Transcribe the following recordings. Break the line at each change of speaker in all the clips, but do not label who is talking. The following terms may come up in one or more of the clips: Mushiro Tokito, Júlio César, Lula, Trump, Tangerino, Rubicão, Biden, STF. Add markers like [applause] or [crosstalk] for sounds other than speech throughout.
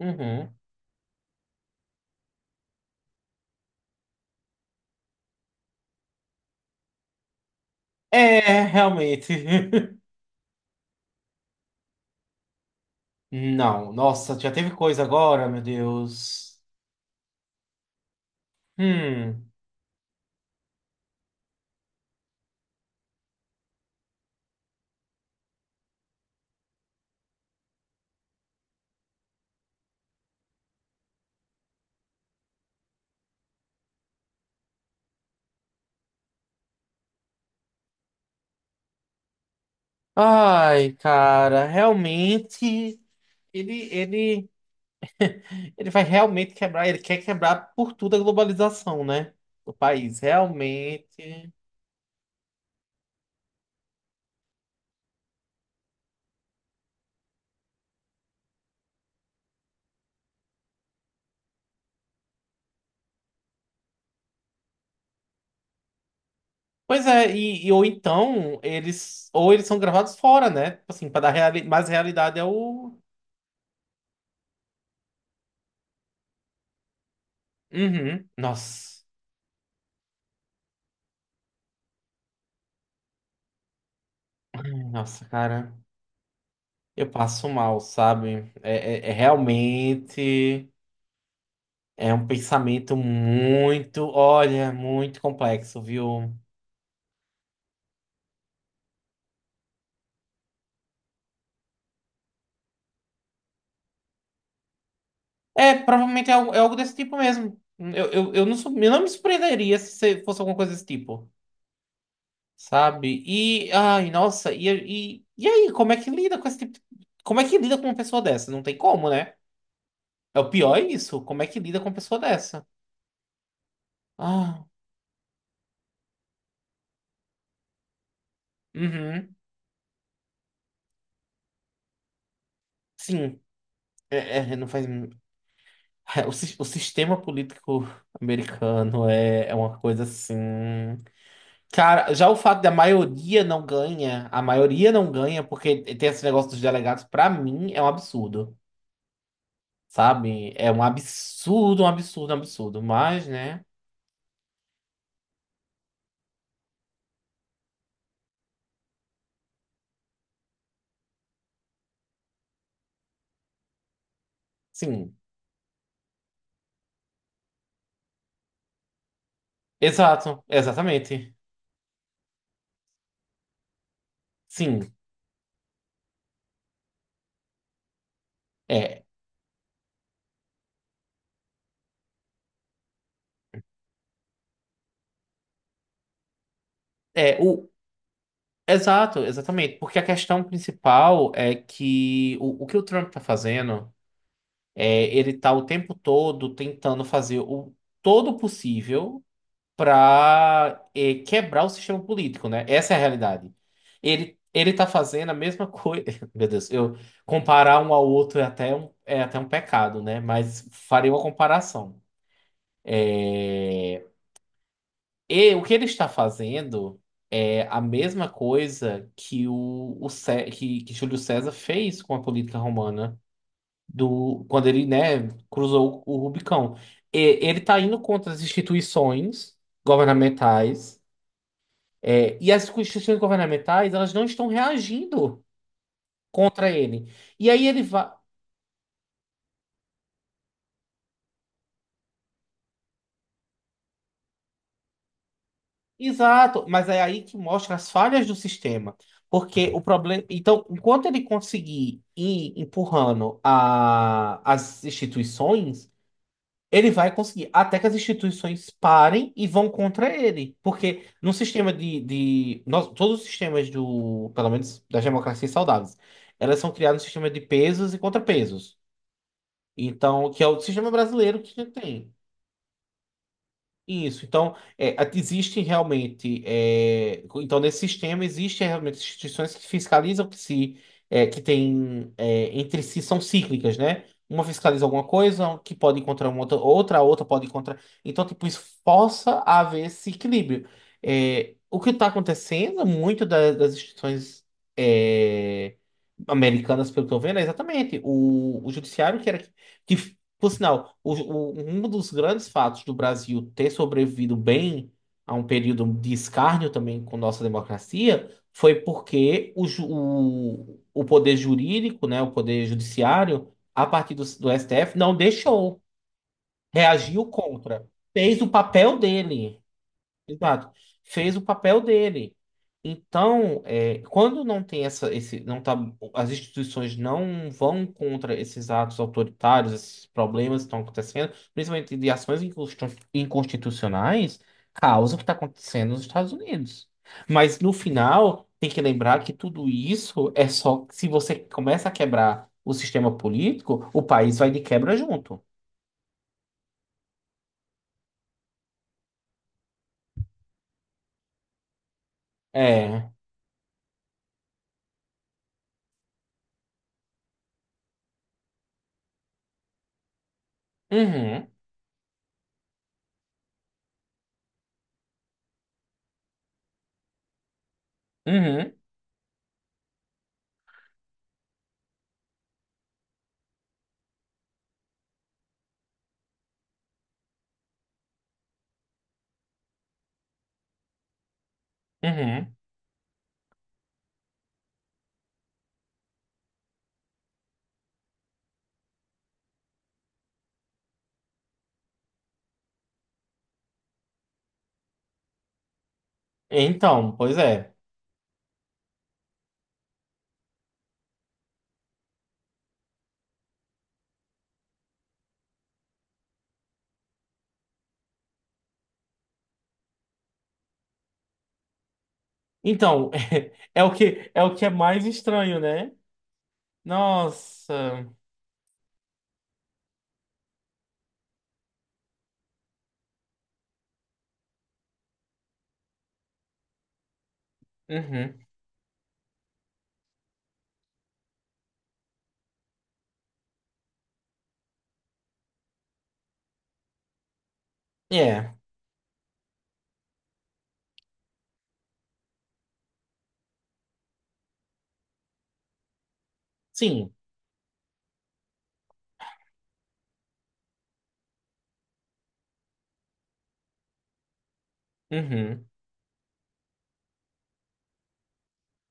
Uhum. É, realmente. [laughs] Não, nossa, já teve coisa agora, meu Deus. Hum. Ai, cara, realmente. Ele, ele, ele vai realmente quebrar, ele quer quebrar por tudo a globalização, né? Do país, realmente. Pois é, e ou então eles ou eles são gravados fora, né? Tipo assim, para dar reali mais realidade é o. Uhum. Nossa. Ai, nossa, cara. Eu passo mal, sabe? É realmente é um pensamento muito, olha, muito complexo, viu? É, provavelmente é algo desse tipo mesmo. Eu não me surpreenderia se você fosse alguma coisa desse tipo, sabe? E, ai, nossa, aí, como é que lida com esse tipo de. Como é que lida com uma pessoa dessa? Não tem como, né? É o pior é isso. Como é que lida com uma pessoa dessa? Ah, uhum, sim. É, não faz. É, o sistema político americano é, é uma coisa assim. Cara, já o fato da maioria não ganha, a maioria não ganha porque tem esse negócio dos delegados, pra mim é um absurdo, sabe? É um absurdo, um absurdo, um absurdo. Mas, né? Sim. Exato, exatamente. Sim. É, é o. Exato, exatamente. Porque a questão principal é que o que o Trump tá fazendo. É, ele tá o tempo todo tentando fazer o todo possível para quebrar o sistema político, né? Essa é a realidade. Ele tá fazendo a mesma coisa. [laughs] Meu Deus, eu comparar um ao outro é até um, pecado, né? Mas farei uma comparação. É, E o que ele está fazendo é a mesma coisa que Júlio César fez com a política romana. Do quando ele, né, cruzou o Rubicão. Ele está indo contra as instituições governamentais, e as instituições governamentais, elas não estão reagindo contra ele. E aí ele vai. Exato, mas é aí que mostra as falhas do sistema. Porque o problema. Então, enquanto ele conseguir ir empurrando as instituições, ele vai conseguir, até que as instituições parem e vão contra ele. Porque no sistema de nós, todos os sistemas do, pelo menos das democracias saudáveis, elas são criadas no sistema de pesos e contrapesos. Então, que é o sistema brasileiro que a gente tem. Isso, então, existem realmente, então nesse sistema existem realmente instituições que fiscalizam que se, que tem, entre si são cíclicas, né? Uma fiscaliza alguma coisa, um que pode encontrar uma outra, outra, a outra pode encontrar, então, tipo, isso força a haver esse equilíbrio. É, o que está acontecendo, muito das instituições, é, americanas, pelo que eu tô vendo, é exatamente o judiciário que era, que por sinal, um dos grandes fatos do Brasil ter sobrevivido bem a um período de escárnio também com nossa democracia foi porque o poder jurídico, né, o poder judiciário, a partir do STF, não deixou, reagiu contra, fez o papel dele. Exato. Fez o papel dele. Então, quando não tem essa, esse, não tá, as instituições não vão contra esses atos autoritários, esses problemas que estão acontecendo, principalmente de ações inconstitucionais, causa o que está acontecendo nos Estados Unidos. Mas no final, tem que lembrar que tudo isso é só se você começa a quebrar o sistema político, o país vai de quebra junto. É. Uhum, uhum, uhum. Então, pois é. Então, [laughs] o que é mais estranho, né? Nossa. Uhum. É. Sim. Uhum.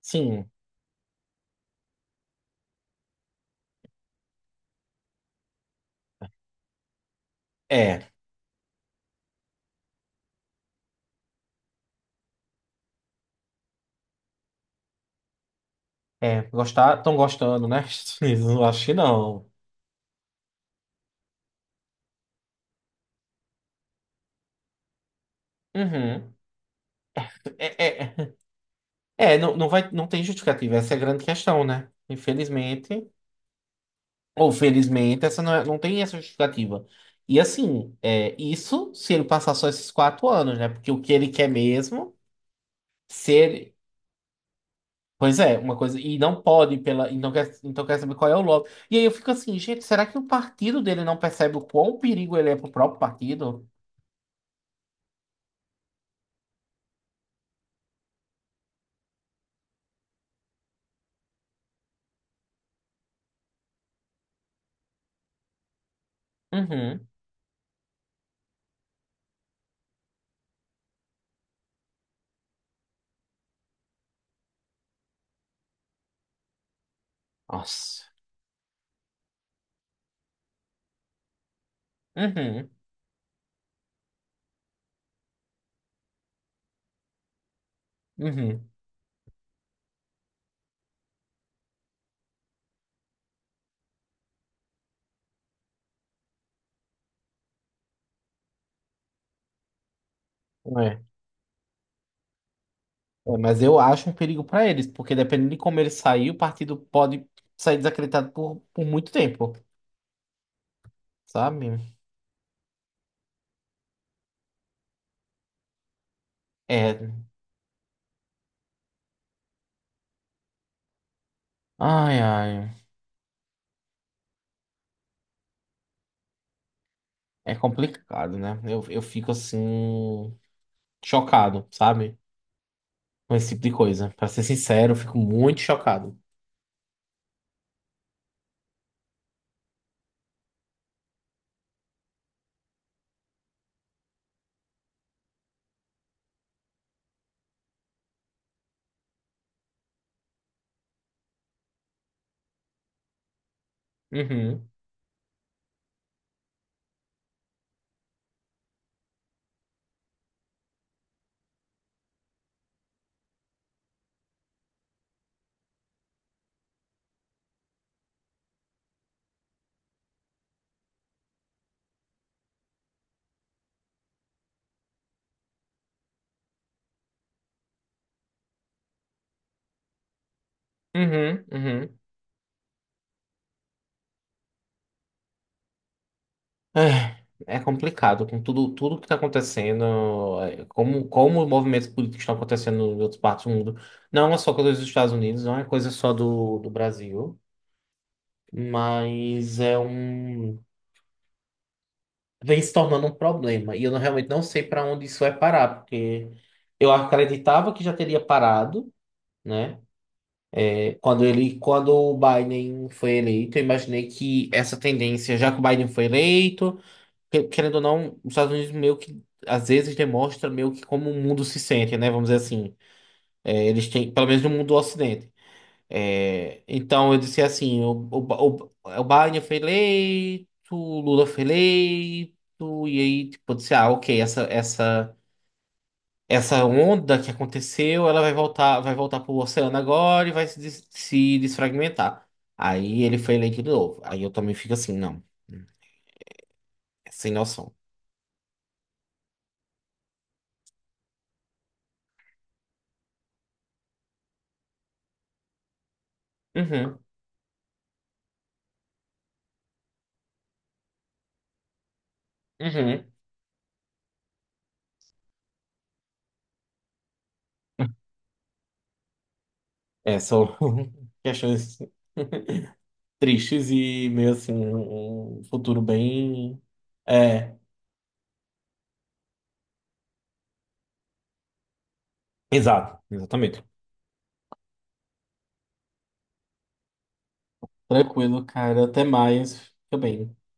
Sim. É. É. Gostar, estão gostando, né? [laughs] Eu acho que não. Uhum. É, é, é, não, não vai, não tem justificativa. Essa é a grande questão, né? Infelizmente, ou felizmente, essa não, não tem essa justificativa. E assim, isso se ele passar só esses quatro anos, né? Porque o que ele quer mesmo, ser. Pois é, uma coisa. E não pode, pela, e não quer, então quer saber qual é o lobby. E aí eu fico assim, gente, será que o partido dele não percebe o quão perigo ele é pro próprio partido? Uhum. Nossa. Uhum. Uhum. É. É, mas eu acho um perigo pra eles, porque dependendo de como ele sair, o partido pode sair desacreditado por muito tempo, sabe? É. Ai, ai. É complicado, né? Eu fico assim, chocado, sabe? Com esse tipo de coisa. Pra ser sincero, eu fico muito chocado. Uhum. Uhum, uhum. Ah, é complicado com tudo, tudo que está acontecendo, como os movimentos políticos estão acontecendo em outras partes do mundo. Não é só coisa dos Estados Unidos, não é coisa só do Brasil, mas é um. Vem se tornando um problema. E eu realmente não sei para onde isso vai parar, porque eu acreditava que já teria parado, né? Quando o Biden foi eleito, eu imaginei que essa tendência, já que o Biden foi eleito. Querendo ou não, os Estados Unidos meio que às vezes demonstra meio que como o mundo se sente, né? Vamos dizer assim. É, eles têm, pelo menos no mundo do Ocidente. É, então eu disse assim: o Biden foi eleito, o Lula foi eleito, e aí, tipo, eu disse, ah, ok, essa, onda que aconteceu, ela vai voltar pro oceano agora e vai se desfragmentar. Aí ele foi eleito de novo. Aí eu também fico assim, não, hum, é sem noção. Uhum, uhum. É, são [laughs] questões [laughs] tristes e meio assim, um futuro bem. É, exato, exatamente. Tranquilo, cara. Até mais. Fica bem.